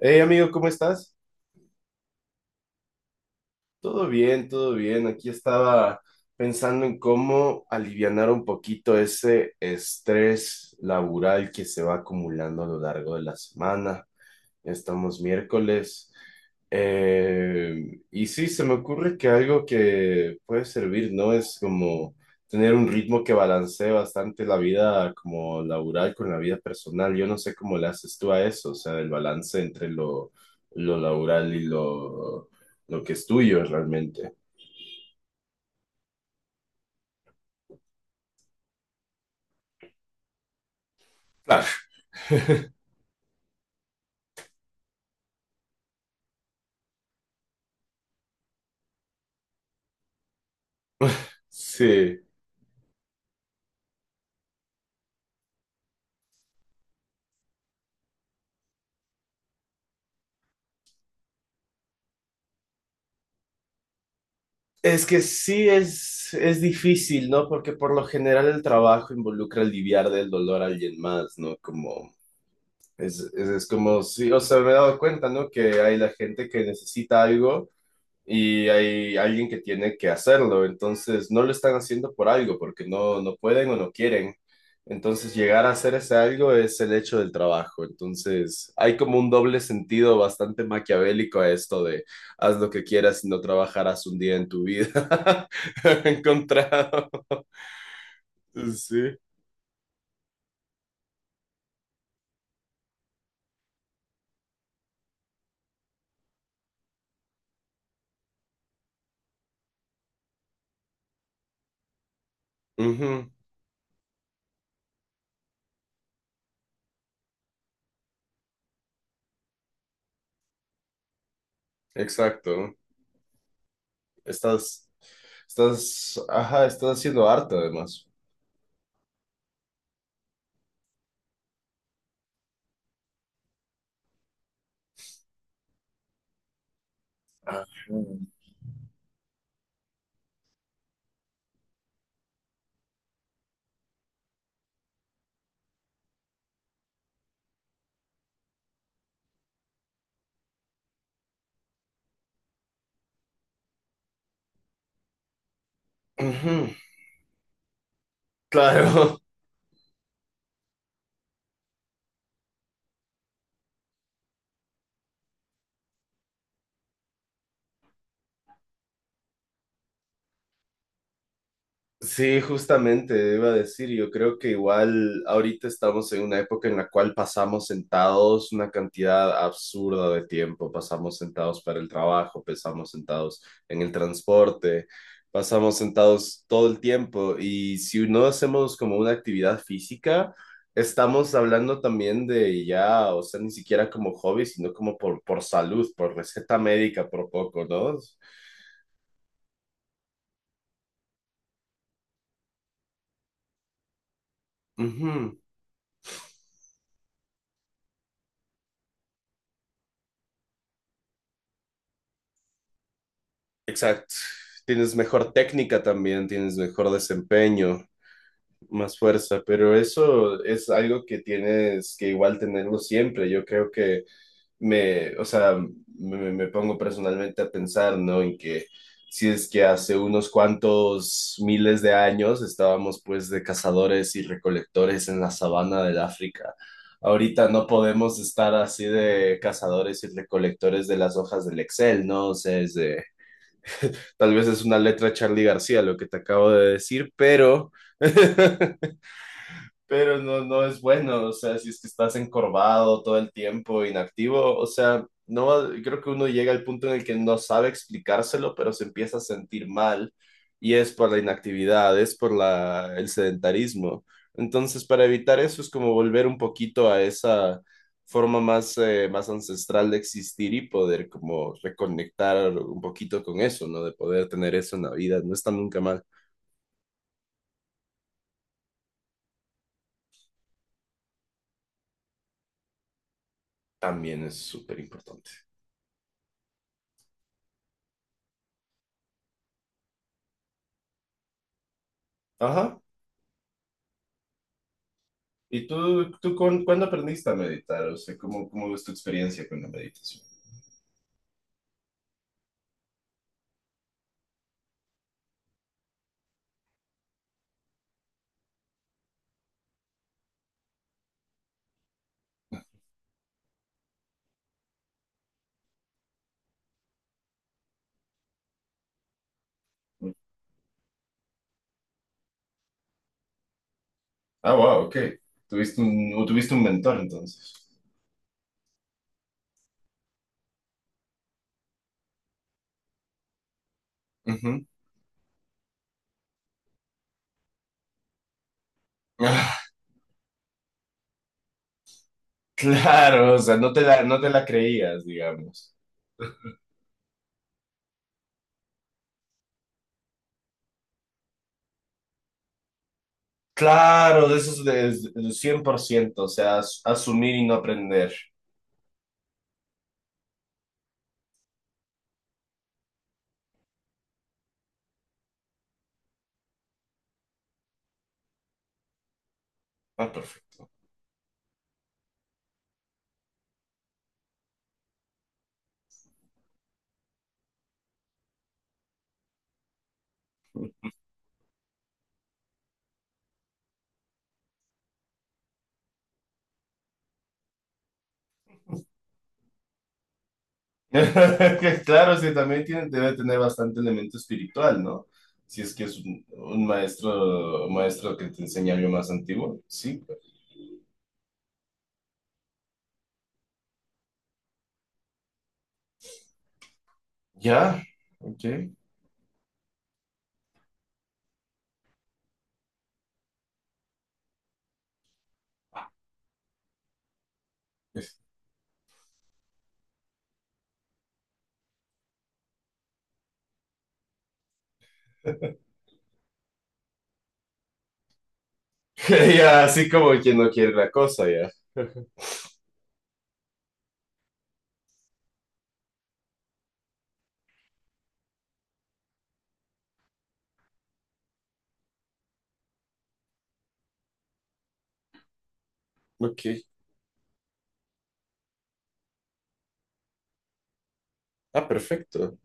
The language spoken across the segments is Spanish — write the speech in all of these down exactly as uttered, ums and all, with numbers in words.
Hey amigo, ¿cómo estás? Todo bien, todo bien. Aquí estaba pensando en cómo alivianar un poquito ese estrés laboral que se va acumulando a lo largo de la semana. Estamos miércoles. Eh, y sí, se me ocurre que algo que puede servir, ¿no? Es como tener un ritmo que balancee bastante la vida como laboral con la vida personal. Yo no sé cómo le haces tú a eso, o sea, el balance entre lo, lo laboral y lo, lo que es tuyo realmente. Claro. Sí. Es que sí es, es difícil, ¿no? Porque por lo general el trabajo involucra aliviar del dolor a alguien más, ¿no? Como Es, es, es como, si o sea, me he dado cuenta, ¿no? Que hay la gente que necesita algo y hay alguien que tiene que hacerlo, entonces no lo están haciendo por algo, porque no, no pueden o no quieren. Entonces llegar a hacer ese algo es el hecho del trabajo. Entonces hay como un doble sentido bastante maquiavélico a esto de haz lo que quieras y no trabajarás un día en tu vida. Encontrado. Sí. Ujú. Exacto. Estás, estás, ajá, estás haciendo arte además. Mm. Ujú. Claro. Sí, justamente, iba a decir, yo creo que igual ahorita estamos en una época en la cual pasamos sentados una cantidad absurda de tiempo, pasamos sentados para el trabajo, pasamos sentados en el transporte, pasamos sentados todo el tiempo y si no hacemos como una actividad física, estamos hablando también de ya, o sea, ni siquiera como hobby, sino como por, por salud, por receta médica, por poco, ¿no? Ujú. Exacto. Tienes mejor técnica también, tienes mejor desempeño, más fuerza, pero eso es algo que tienes que igual tenerlo siempre. Yo creo que me, o sea, me, me pongo personalmente a pensar, ¿no? En que si es que hace unos cuantos miles de años estábamos pues de cazadores y recolectores en la sabana del África. Ahorita no podemos estar así de cazadores y recolectores de las hojas del Excel, ¿no? O sea, es de tal vez es una letra Charlie García lo que te acabo de decir, pero pero no, no es bueno, o sea, si es que estás encorvado todo el tiempo, inactivo, o sea, no, creo que uno llega al punto en el que no sabe explicárselo, pero se empieza a sentir mal y es por la inactividad, es por la, el sedentarismo. Entonces, para evitar eso es como volver un poquito a esa forma más, eh, más ancestral de existir y poder como reconectar un poquito con eso, ¿no? De poder tener eso en la vida, no está nunca mal. También es súper importante. Ajá, ¿y tú, tú con- cuándo aprendiste a meditar? O sea, ¿cómo, cómo es tu experiencia con la meditación? Ah, wow, ok. Tuviste un, o tuviste un mentor entonces. Ujú. Ah, claro, o sea, no te la, no te la creías, digamos. Claro, de esos de, de cien por ciento o sea, as- asumir y no aprender. Ah, perfecto. Que claro, sí, también tiene, debe tener bastante elemento espiritual, ¿no? Si es que es un, un maestro, un maestro que te enseña algo más antiguo, sí. Ya, ok. Ya, así como quien no quiere la cosa, ya. Ok. Ah, perfecto.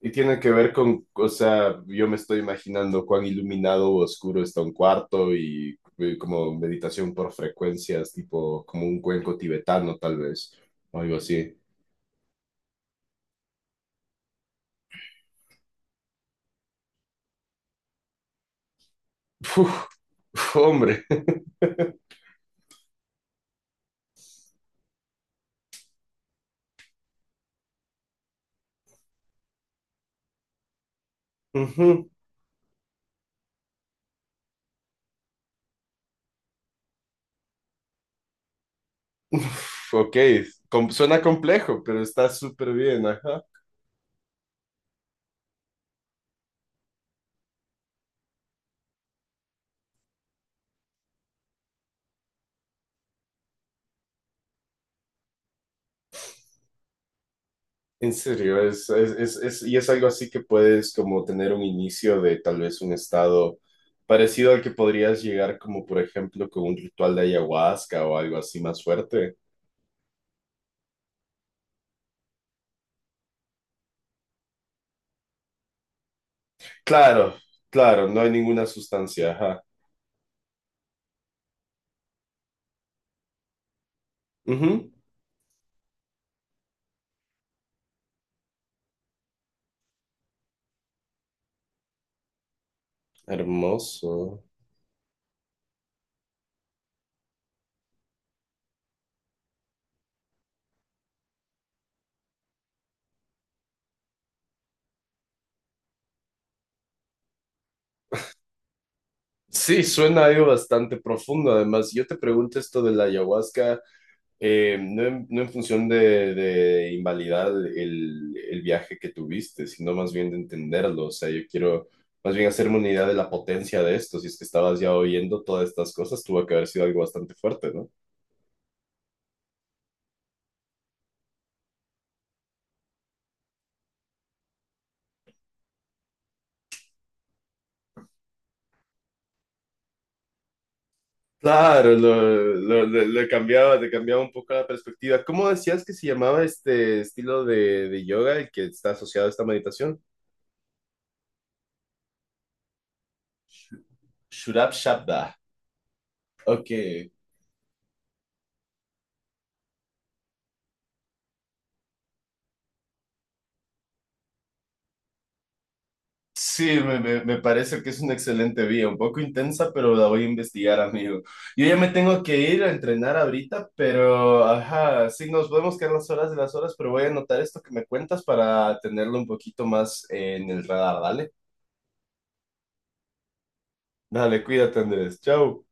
Y tiene que ver con, o sea, yo me estoy imaginando cuán iluminado o oscuro está un cuarto y eh, como meditación por frecuencias, tipo como un cuenco tibetano, tal vez, o algo así. Uf, uf, hombre. Ujú. Uf, ok. Com- suena complejo, pero está súper bien, ajá. En serio, es, es, es, es- y es algo así que puedes como tener un inicio de tal vez un estado parecido al que podrías llegar como por ejemplo con un ritual de ayahuasca o algo así más fuerte. Claro, claro, no hay ninguna sustancia, ajá. Ujú. Hermoso. Sí, suena algo bastante profundo. Además, yo te pregunto esto de la ayahuasca. Eh, no, en, no en función de, de invalidar el, el viaje que tuviste, sino más bien de entenderlo. O sea, yo quiero más bien hacerme una idea de la potencia de esto. Si es que estabas ya oyendo todas estas cosas, tuvo que haber sido algo bastante fuerte, ¿no? Claro, lo, lo- le, le cambiaba, le cambiaba un poco la perspectiva. ¿Cómo decías que se llamaba este estilo de, de yoga el que está asociado a esta meditación? Shurab Shabda. Ok, sí, me, me- me parece que es una excelente vía, un poco intensa, pero la voy a investigar, amigo. Yo ya me tengo que ir a entrenar ahorita, pero, ajá, sí, nos podemos quedar las horas de las horas, pero voy a anotar esto que me cuentas para tenerlo un poquito más en el radar, ¿vale? Dale, cuídate, Andrés. Chao.